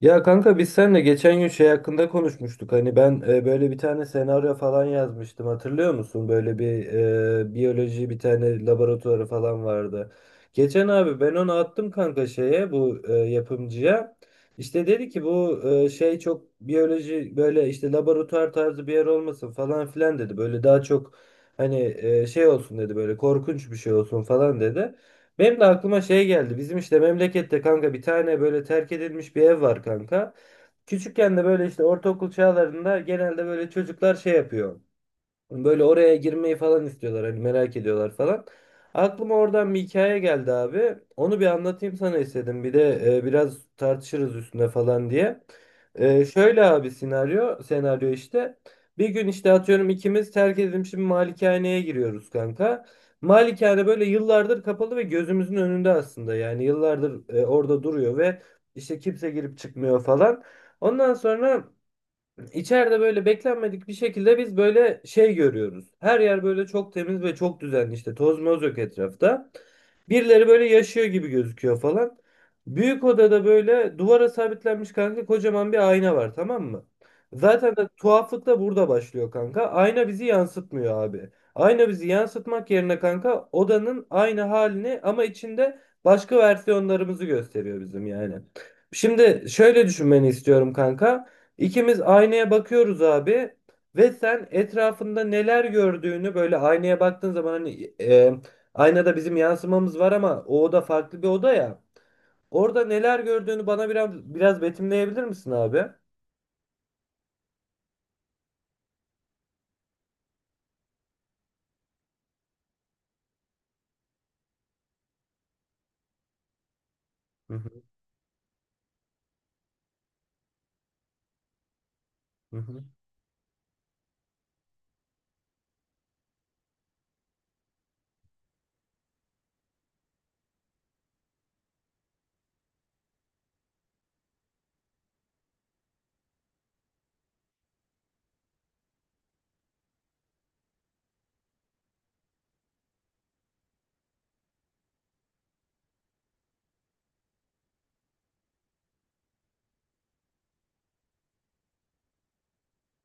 Ya kanka biz seninle geçen gün şey hakkında konuşmuştuk. Hani ben böyle bir tane senaryo falan yazmıştım. Hatırlıyor musun? Böyle bir biyoloji bir tane laboratuvarı falan vardı. Geçen abi ben onu attım kanka şeye bu yapımcıya. İşte dedi ki bu şey çok biyoloji böyle işte laboratuvar tarzı bir yer olmasın falan filan dedi. Böyle daha çok hani şey olsun dedi böyle korkunç bir şey olsun falan dedi. Benim de aklıma şey geldi. Bizim işte memlekette kanka bir tane böyle terk edilmiş bir ev var kanka. Küçükken de böyle işte ortaokul çağlarında genelde böyle çocuklar şey yapıyor. Böyle oraya girmeyi falan istiyorlar hani merak ediyorlar falan. Aklıma oradan bir hikaye geldi abi. Onu bir anlatayım sana istedim. Bir de biraz tartışırız üstüne falan diye. Şöyle abi senaryo işte. Bir gün işte atıyorum ikimiz terk edilmiş bir malikaneye giriyoruz kanka. Malikane böyle yıllardır kapalı ve gözümüzün önünde aslında. Yani yıllardır orada duruyor ve işte kimse girip çıkmıyor falan. Ondan sonra İçeride böyle beklenmedik bir şekilde biz böyle şey görüyoruz. Her yer böyle çok temiz ve çok düzenli işte toz moz yok etrafta. Birileri böyle yaşıyor gibi gözüküyor falan. Büyük odada böyle duvara sabitlenmiş kanka kocaman bir ayna var, tamam mı? Zaten de tuhaflık da burada başlıyor kanka. Ayna bizi yansıtmıyor abi. Ayna bizi yansıtmak yerine kanka odanın aynı halini ama içinde başka versiyonlarımızı gösteriyor bizim yani. Şimdi şöyle düşünmeni istiyorum kanka. İkimiz aynaya bakıyoruz abi ve sen etrafında neler gördüğünü böyle aynaya baktığın zaman hani aynada bizim yansımamız var ama o oda farklı bir oda ya. Orada neler gördüğünü bana biraz biraz betimleyebilir misin abi? Hı hı, hı hı.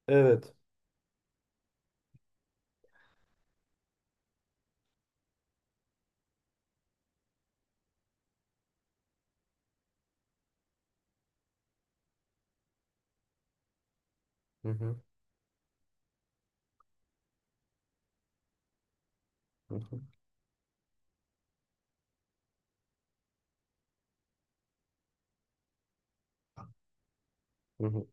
Evet. Hı hı, hı hı, hı hı.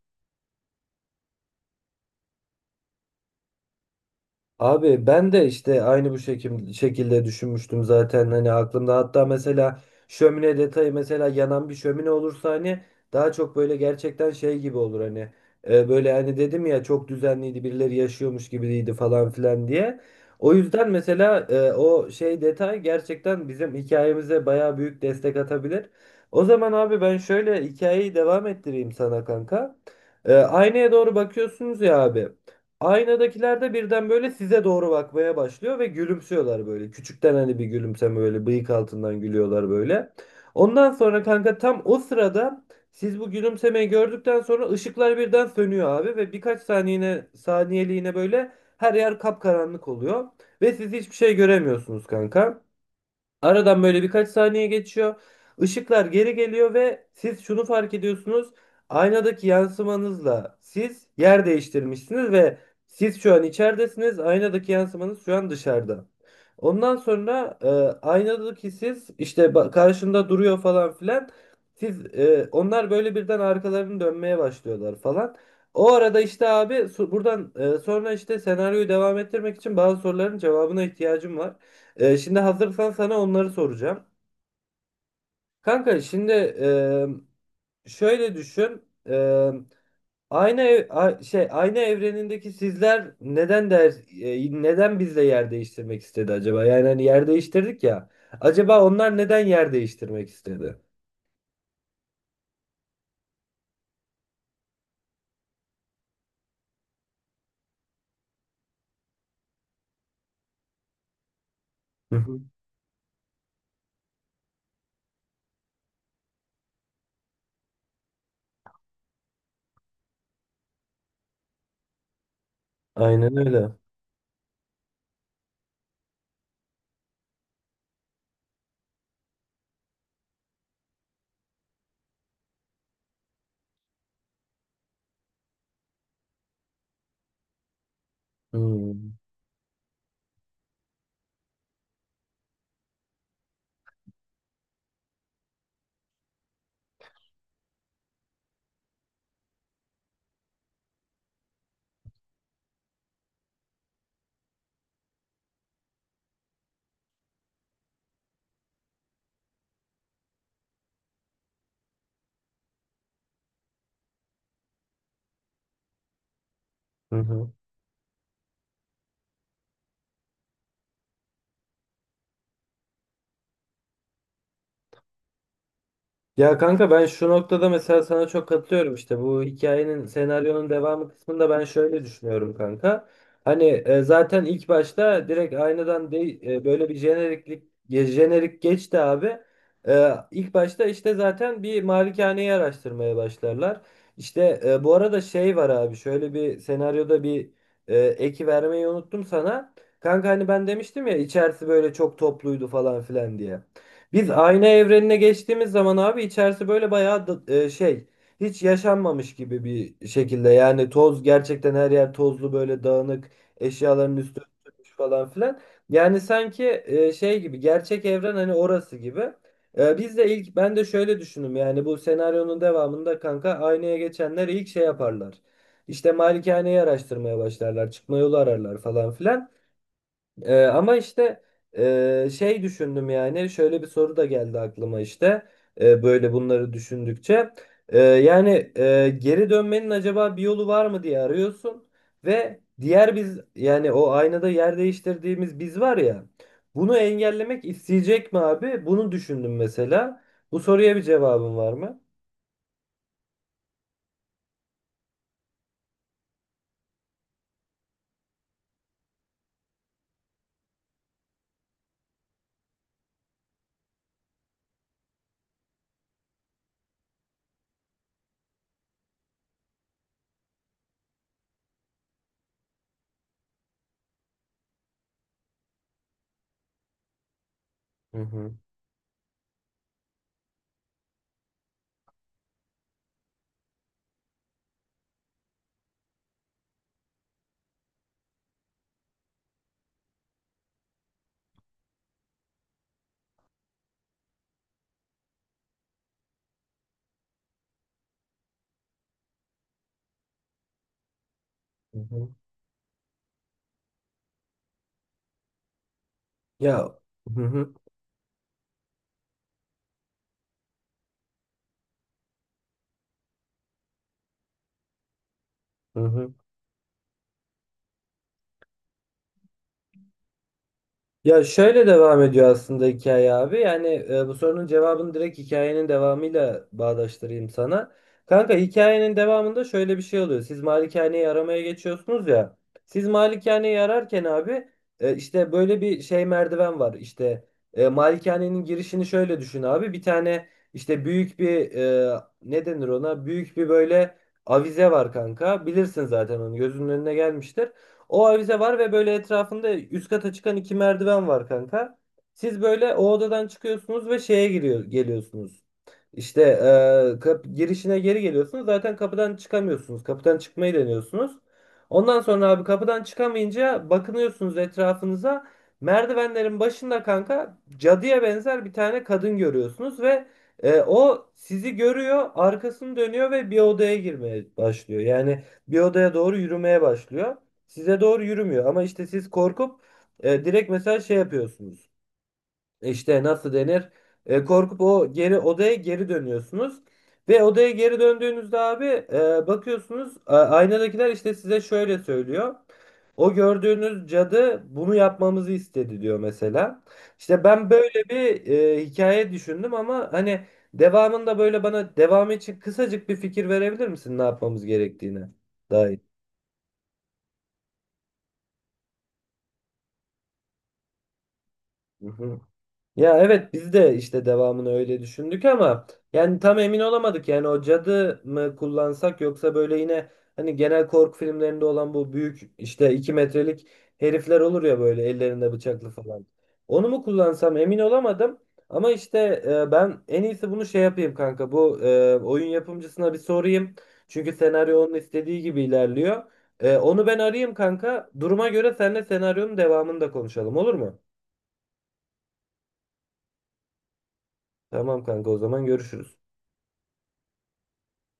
Abi ben de işte aynı bu şekilde düşünmüştüm zaten, hani aklımda hatta mesela şömine detayı mesela yanan bir şömine olursa hani daha çok böyle gerçekten şey gibi olur hani. Böyle hani dedim ya çok düzenliydi birileri yaşıyormuş gibiydi falan filan diye. O yüzden mesela o şey detay gerçekten bizim hikayemize bayağı büyük destek atabilir. O zaman abi ben şöyle hikayeyi devam ettireyim sana kanka. Aynaya doğru bakıyorsunuz ya abi. Aynadakiler de birden böyle size doğru bakmaya başlıyor ve gülümsüyorlar böyle. Küçükten hani bir gülümseme böyle bıyık altından gülüyorlar böyle. Ondan sonra kanka tam o sırada siz bu gülümsemeyi gördükten sonra ışıklar birden sönüyor abi ve birkaç saniyeliğine böyle her yer kapkaranlık oluyor ve siz hiçbir şey göremiyorsunuz kanka. Aradan böyle birkaç saniye geçiyor. Işıklar geri geliyor ve siz şunu fark ediyorsunuz. Aynadaki yansımanızla siz yer değiştirmişsiniz ve siz şu an içeridesiniz. Aynadaki yansımanız şu an dışarıda. Ondan sonra aynadaki siz işte karşında duruyor falan filan. Onlar böyle birden arkalarını dönmeye başlıyorlar falan. O arada işte abi buradan sonra işte senaryoyu devam ettirmek için bazı soruların cevabına ihtiyacım var. Şimdi hazırsan sana onları soracağım. Kanka şimdi şöyle düşün. E, aynı ev- a- şey aynı evrenindeki sizler neden bizle yer değiştirmek istedi acaba? Yani hani yer değiştirdik ya. Acaba onlar neden yer değiştirmek istedi? Hı hı. Aynen öyle. Hı hı. Ya kanka ben şu noktada mesela sana çok katılıyorum, işte bu hikayenin senaryonun devamı kısmında ben şöyle düşünüyorum kanka. Hani zaten ilk başta direkt aynadan değil böyle bir jenerik geçti abi. E, ilk başta işte zaten bir malikaneyi araştırmaya başlarlar. İşte bu arada şey var abi, şöyle bir senaryoda bir eki vermeyi unuttum sana. Kanka hani ben demiştim ya içerisi böyle çok topluydu falan filan diye. Biz ayna evrenine geçtiğimiz zaman abi içerisi böyle bayağı şey, hiç yaşanmamış gibi bir şekilde, yani toz gerçekten, her yer tozlu, böyle dağınık, eşyaların üstü örtülmüş falan filan. Yani sanki şey gibi, gerçek evren hani, orası gibi. Biz de ilk, ben de şöyle düşündüm yani bu senaryonun devamında kanka aynaya geçenler ilk şey yaparlar. İşte malikaneyi araştırmaya başlarlar, çıkma yolu ararlar falan filan. Ama işte şey düşündüm, yani şöyle bir soru da geldi aklıma işte böyle bunları düşündükçe. Yani geri dönmenin acaba bir yolu var mı diye arıyorsun ve diğer biz, yani o aynada yer değiştirdiğimiz biz var ya, bunu engellemek isteyecek mi abi? Bunu düşündüm mesela. Bu soruya bir cevabın var mı? Hı hı. Hı hı. Ya hı hı, hı hı. Ya şöyle devam ediyor aslında hikaye abi. Yani bu sorunun cevabını direkt hikayenin devamıyla bağdaştırayım sana. Kanka hikayenin devamında şöyle bir şey oluyor. Siz malikaneyi aramaya geçiyorsunuz ya. Siz malikaneyi ararken abi işte böyle bir şey merdiven var. İşte malikanenin girişini şöyle düşün abi. Bir tane işte büyük bir ne denir ona? Büyük bir böyle avize var kanka. Bilirsin zaten, onu gözünün önüne gelmiştir. O avize var ve böyle etrafında üst kata çıkan iki merdiven var kanka. Siz böyle o odadan çıkıyorsunuz ve şeye geliyorsunuz. İşte girişine geri geliyorsunuz. Zaten kapıdan çıkamıyorsunuz. Kapıdan çıkmayı deniyorsunuz. Ondan sonra abi kapıdan çıkamayınca bakınıyorsunuz etrafınıza. Merdivenlerin başında kanka cadıya benzer bir tane kadın görüyorsunuz ve o sizi görüyor, arkasını dönüyor ve bir odaya girmeye başlıyor. Yani bir odaya doğru yürümeye başlıyor, size doğru yürümüyor. Ama işte siz korkup direkt mesela şey yapıyorsunuz. İşte nasıl denir? Korkup o geri odaya geri dönüyorsunuz. Ve odaya geri döndüğünüzde abi bakıyorsunuz aynadakiler işte size şöyle söylüyor. O gördüğünüz cadı bunu yapmamızı istedi diyor mesela. İşte ben böyle bir hikaye düşündüm ama hani devamında, böyle bana devamı için kısacık bir fikir verebilir misin ne yapmamız gerektiğine dair? Hı hı. Ya evet, biz de işte devamını öyle düşündük ama yani tam emin olamadık. Yani o cadı mı kullansak, yoksa böyle yine hani genel korku filmlerinde olan bu büyük işte 2 metrelik herifler olur ya böyle ellerinde bıçaklı falan. Onu mu kullansam emin olamadım. Ama işte ben en iyisi bunu şey yapayım kanka. Bu oyun yapımcısına bir sorayım. Çünkü senaryo onun istediği gibi ilerliyor. Onu ben arayayım kanka. Duruma göre seninle senaryonun devamını da konuşalım, olur mu? Tamam kanka, o zaman görüşürüz.